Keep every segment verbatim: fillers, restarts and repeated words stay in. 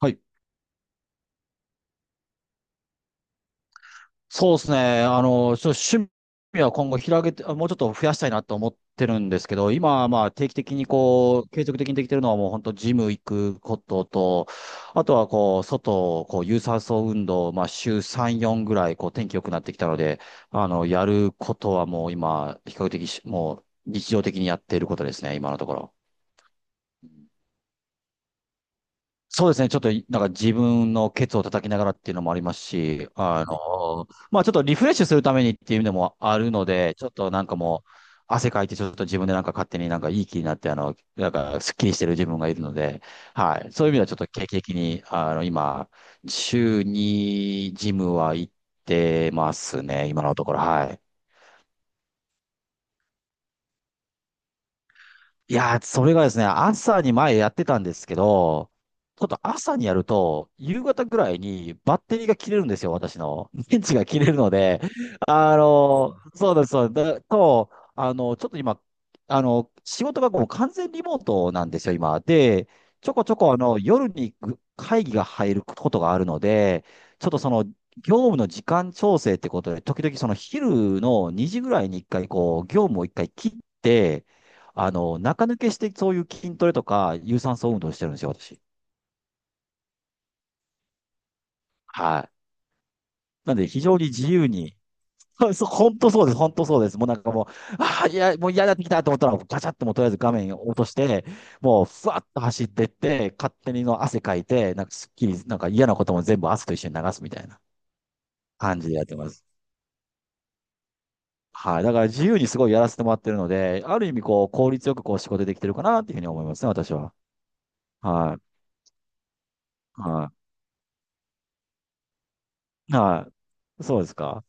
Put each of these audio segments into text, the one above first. はい。そうですね。あの、ちょっと趣味は今後広げて、あもうちょっと増やしたいなと思ってるんですけど、今はまあ定期的にこう、継続的にできてるのはもう本当ジム行くことと、あとはこう、外、こう、有酸素運動、まあ週さん、よんぐらい、こう、天気良くなってきたので、あの、やることはもう今、比較的し、もう日常的にやっていることですね、今のところ。そうですね。ちょっと、なんか自分のケツを叩きながらっていうのもありますし、あの、まあちょっとリフレッシュするためにっていうのもあるので、ちょっとなんかもう、汗かいてちょっと自分でなんか勝手になんかいい気になって、あの、なんかスッキリしてる自分がいるので、はい。そういう意味ではちょっと定期的に、あの、今、週にジムは行ってますね。今のところ、はい。いやー、それがですね、朝に前やってたんですけど、ちょっと朝にやると、夕方ぐらいにバッテリーが切れるんですよ、私の。電池が切れるので、あの、そうです、そうです。だと、あの、ちょっと今、あの、仕事がもう完全リモートなんですよ、今。で、ちょこちょこ、あの、夜にぐ会議が入ることがあるので、ちょっとその、業務の時間調整ってことで、時々その昼のにじぐらいに一回、こう、業務を一回切って、あの、中抜けしてそういう筋トレとか、有酸素運動してるんですよ、私。はい。なんで、非常に自由に。そう、そう本当そうです、本当そうです。もうなんかもう、ああ、いや、もう嫌になってきたと思ったら、ガチャってもうとりあえず画面を落として、もう、ふわっと走ってって、勝手にの汗かいて、なんかすっきり、なんか嫌なことも全部汗と一緒に流すみたいな感じでやってます。はい。だから自由にすごいやらせてもらってるので、ある意味こう、効率よくこう、仕事できてるかなっていうふうに思いますね、私は。はい。はい。はい。そうですか。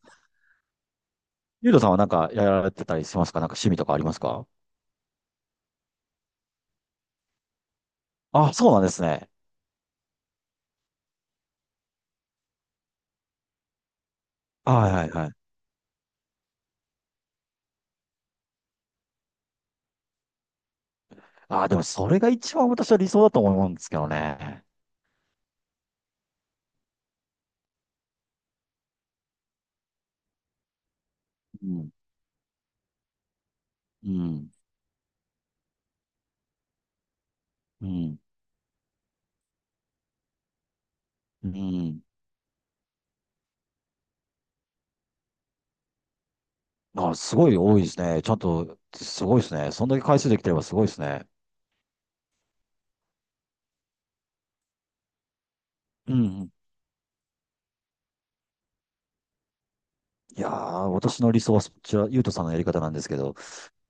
ゆうとさんはなんかやられてたりしますか？なんか趣味とかありますか？あ、そうなんですね。あはいはいはい。あ、でもそれが一番私は理想だと思うんですけどね。うん。うん。うん。うん。あ、すごい多いですね。ちゃんと、すごいですね。そんだけ回数できてればすごいですね。うんうん。いやー、私の理想はそっちは、ゆうとさんのやり方なんですけど。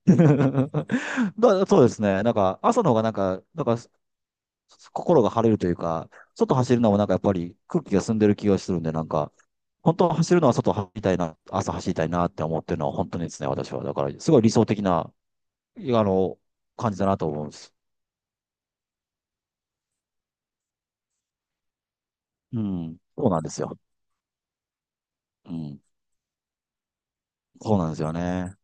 だ、そうですね。なんか、朝の方がなんか、なんか、心が晴れるというか、外走るのもなんかやっぱり空気が澄んでる気がするんで、なんか、本当は走るのは外走りたいな、朝走りたいなって思ってるのは本当にですね、私は。だから、すごい理想的な、あの、感じだなと思うんです。うん。そうなんですよ。うん。そうなんですよね。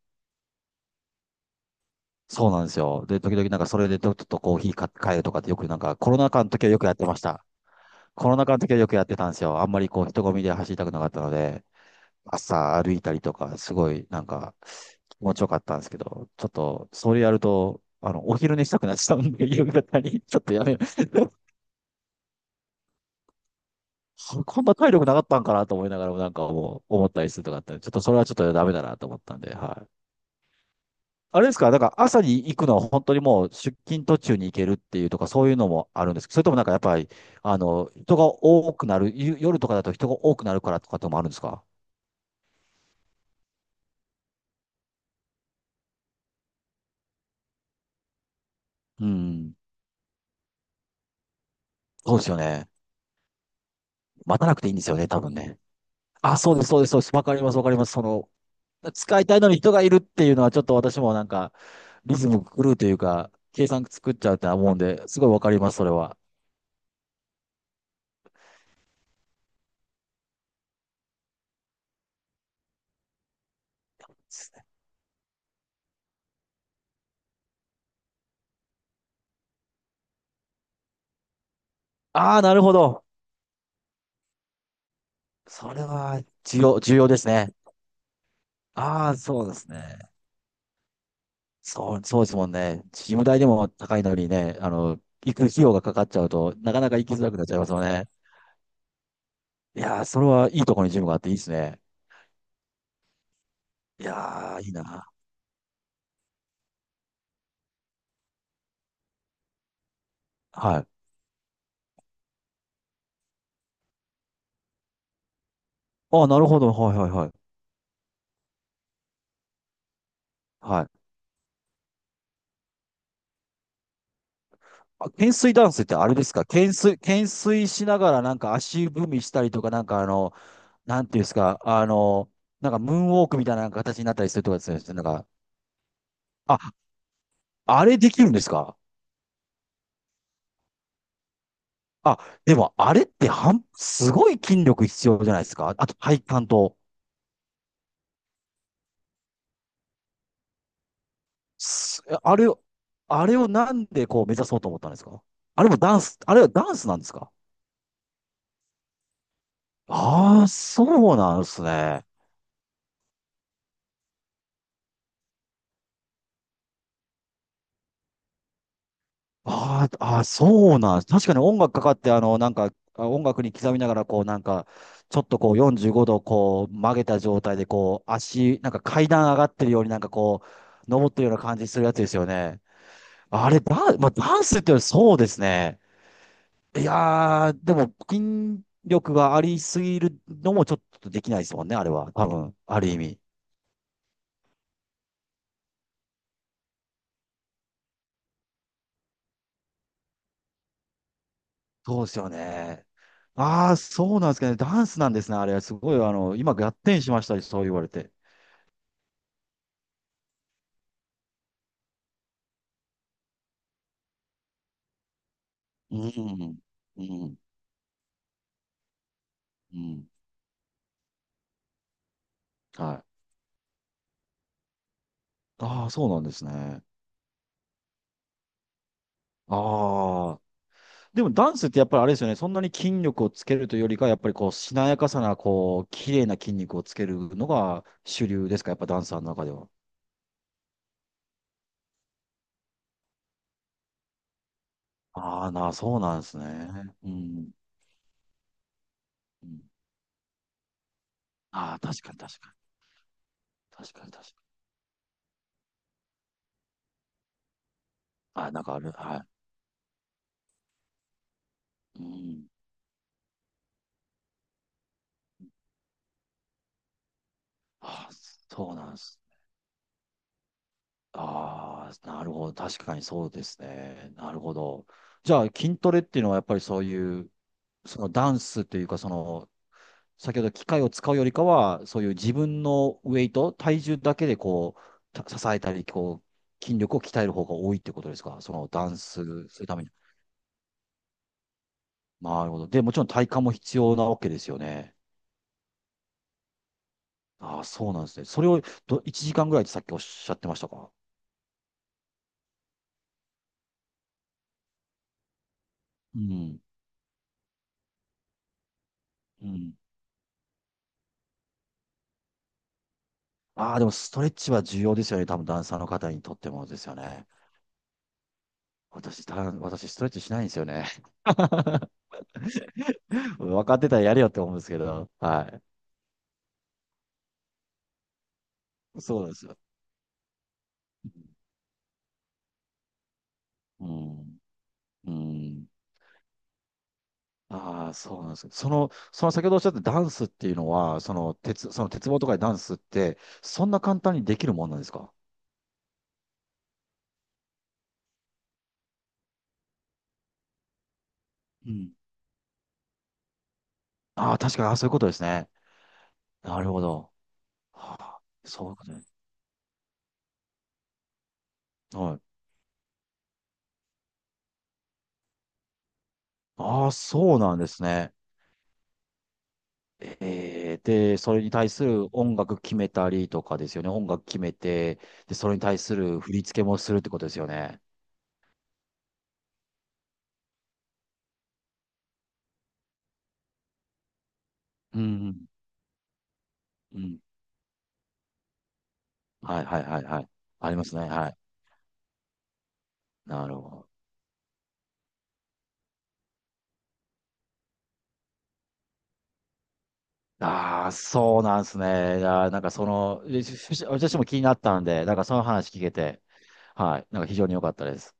そうなんですよ。で、時々なんかそれでちょっとコーヒーか買えるとかってよくなんかコロナ禍の時はよくやってました。コロナ禍の時はよくやってたんですよ。あんまりこう人混みで走りたくなかったので、朝歩いたりとか、すごいなんか気持ちよかったんですけど、ちょっとそれやると、あの、お昼寝したくなっちゃうんで、夕方に、ちょっとやめよう。そこんな体力なかったんかなと思いながらも、なんかもう思ったりするとかあって、ちょっとそれはちょっとダメだなと思ったんで、はい。あれですか、だから朝に行くのは本当にもう出勤途中に行けるっていうとか、そういうのもあるんですけど、それともなんかやっぱり、あの、人が多くなる、ゆ夜とかだと人が多くなるからとかともあるんですか？うん。そうですよね。待たなくていいんですよね、多分ね。あ、そうです、そうです、そうです。わかります、わかります。その、使いたいのに人がいるっていうのはちょっと私もなんか、リズム狂うというか、計算作っちゃうって思うんで、すごいわかります、それは。ああ、なるほど。それは重要、重要ですね。ああ、そうですね。そう、そうですもんね。事務代でも高いのにね、あの、行く費用がかかっちゃうと、なかなか行きづらくなっちゃいますよね。いやー、それはいいところにジムがあっていいですね。いやー、いいな。はい。ああ、なるほど。はいはいはい。はい。あ、懸垂ダンスってあれですか？懸垂、懸垂しながらなんか足踏みしたりとか、なんかあの、なんていうんですか、あの、なんかムーンウォークみたいな形になったりするとかですね。なんか、あ、あれできるんですか？あ、でもあれってはんすごい筋力必要じゃないですか。あと体幹と。すあれを、あれをなんでこう目指そうと思ったんですか？あれもダンス、あれはダンスなんですか？ああー、そうなんですね。あーあー、そうなんです確かに音楽かかって、あの、なんか、あ音楽に刻みながら、こう、なんか、ちょっとこう、よんじゅうごど、こう、曲げた状態で、こう、足、なんか階段上がってるように、なんかこう、登ってるような感じするやつですよね。あれ、ダン、まあ、ダンスっていうのはそうですね。いやー、でも、筋力がありすぎるのもちょっとできないですもんね、あれは。多分、ある意味。そうですよね。ああ、そうなんですかね。ダンスなんですね、あれ。すごい、あの、今、合点しました、そう言われて。うん、うん、うん。はい。ああ、そうなんですね。ああ。でも、ダンスってやっぱりあれですよね。そんなに筋力をつけるというよりか、やっぱりこう、しなやかさな、こう、綺麗な筋肉をつけるのが主流ですか、やっぱダンサーの中では。ああ、な、そうなんですね。うん。うん、ああ、確かに確かに。確かに確かに。ああ、なんかある。はい。うん。ああ、そうなんです。ああ、なるほど。確かにそうですね。なるほど。じゃあ、筋トレっていうのはやっぱりそういう、そのダンスというか、その、先ほど機械を使うよりかは、そういう自分のウェイト、体重だけでこう、た支えたり、こう、筋力を鍛える方が多いってことですか？そのダンスするために。なるほど。で、もちろん体幹も必要なわけですよね。ああ、そうなんですね。それをどいちじかんぐらいってさっきおっしゃってましたか？うん。うん。ああ、でもストレッチは重要ですよね。多分ダンサーの方にとってもですよね。私、ダン私ストレッチしないんですよね。分かってたらやれよって思うんですけど。はい。そうなんですよ。うん。うん。ああ、そうなんです。その、その先ほどおっしゃったダンスっていうのは、その鉄、その鉄棒とかでダンスって、そんな簡単にできるもんなんですか？うん。ああ、確かに、ああ、そういうことですね。なるほど。はあ、そういうことね。はい。ああ、そうなんですね。えー、で、それに対する音楽決めたりとかですよね。音楽決めて、で、それに対する振り付けもするってことですよね。うん、うん。はい、はい、はい、はい。ありますね。はい。なるほど。ああ、そうなんですね。いやー、なんかその、えしし私も気になったんで、なんかその話聞けて、はい。なんか非常に良かったです。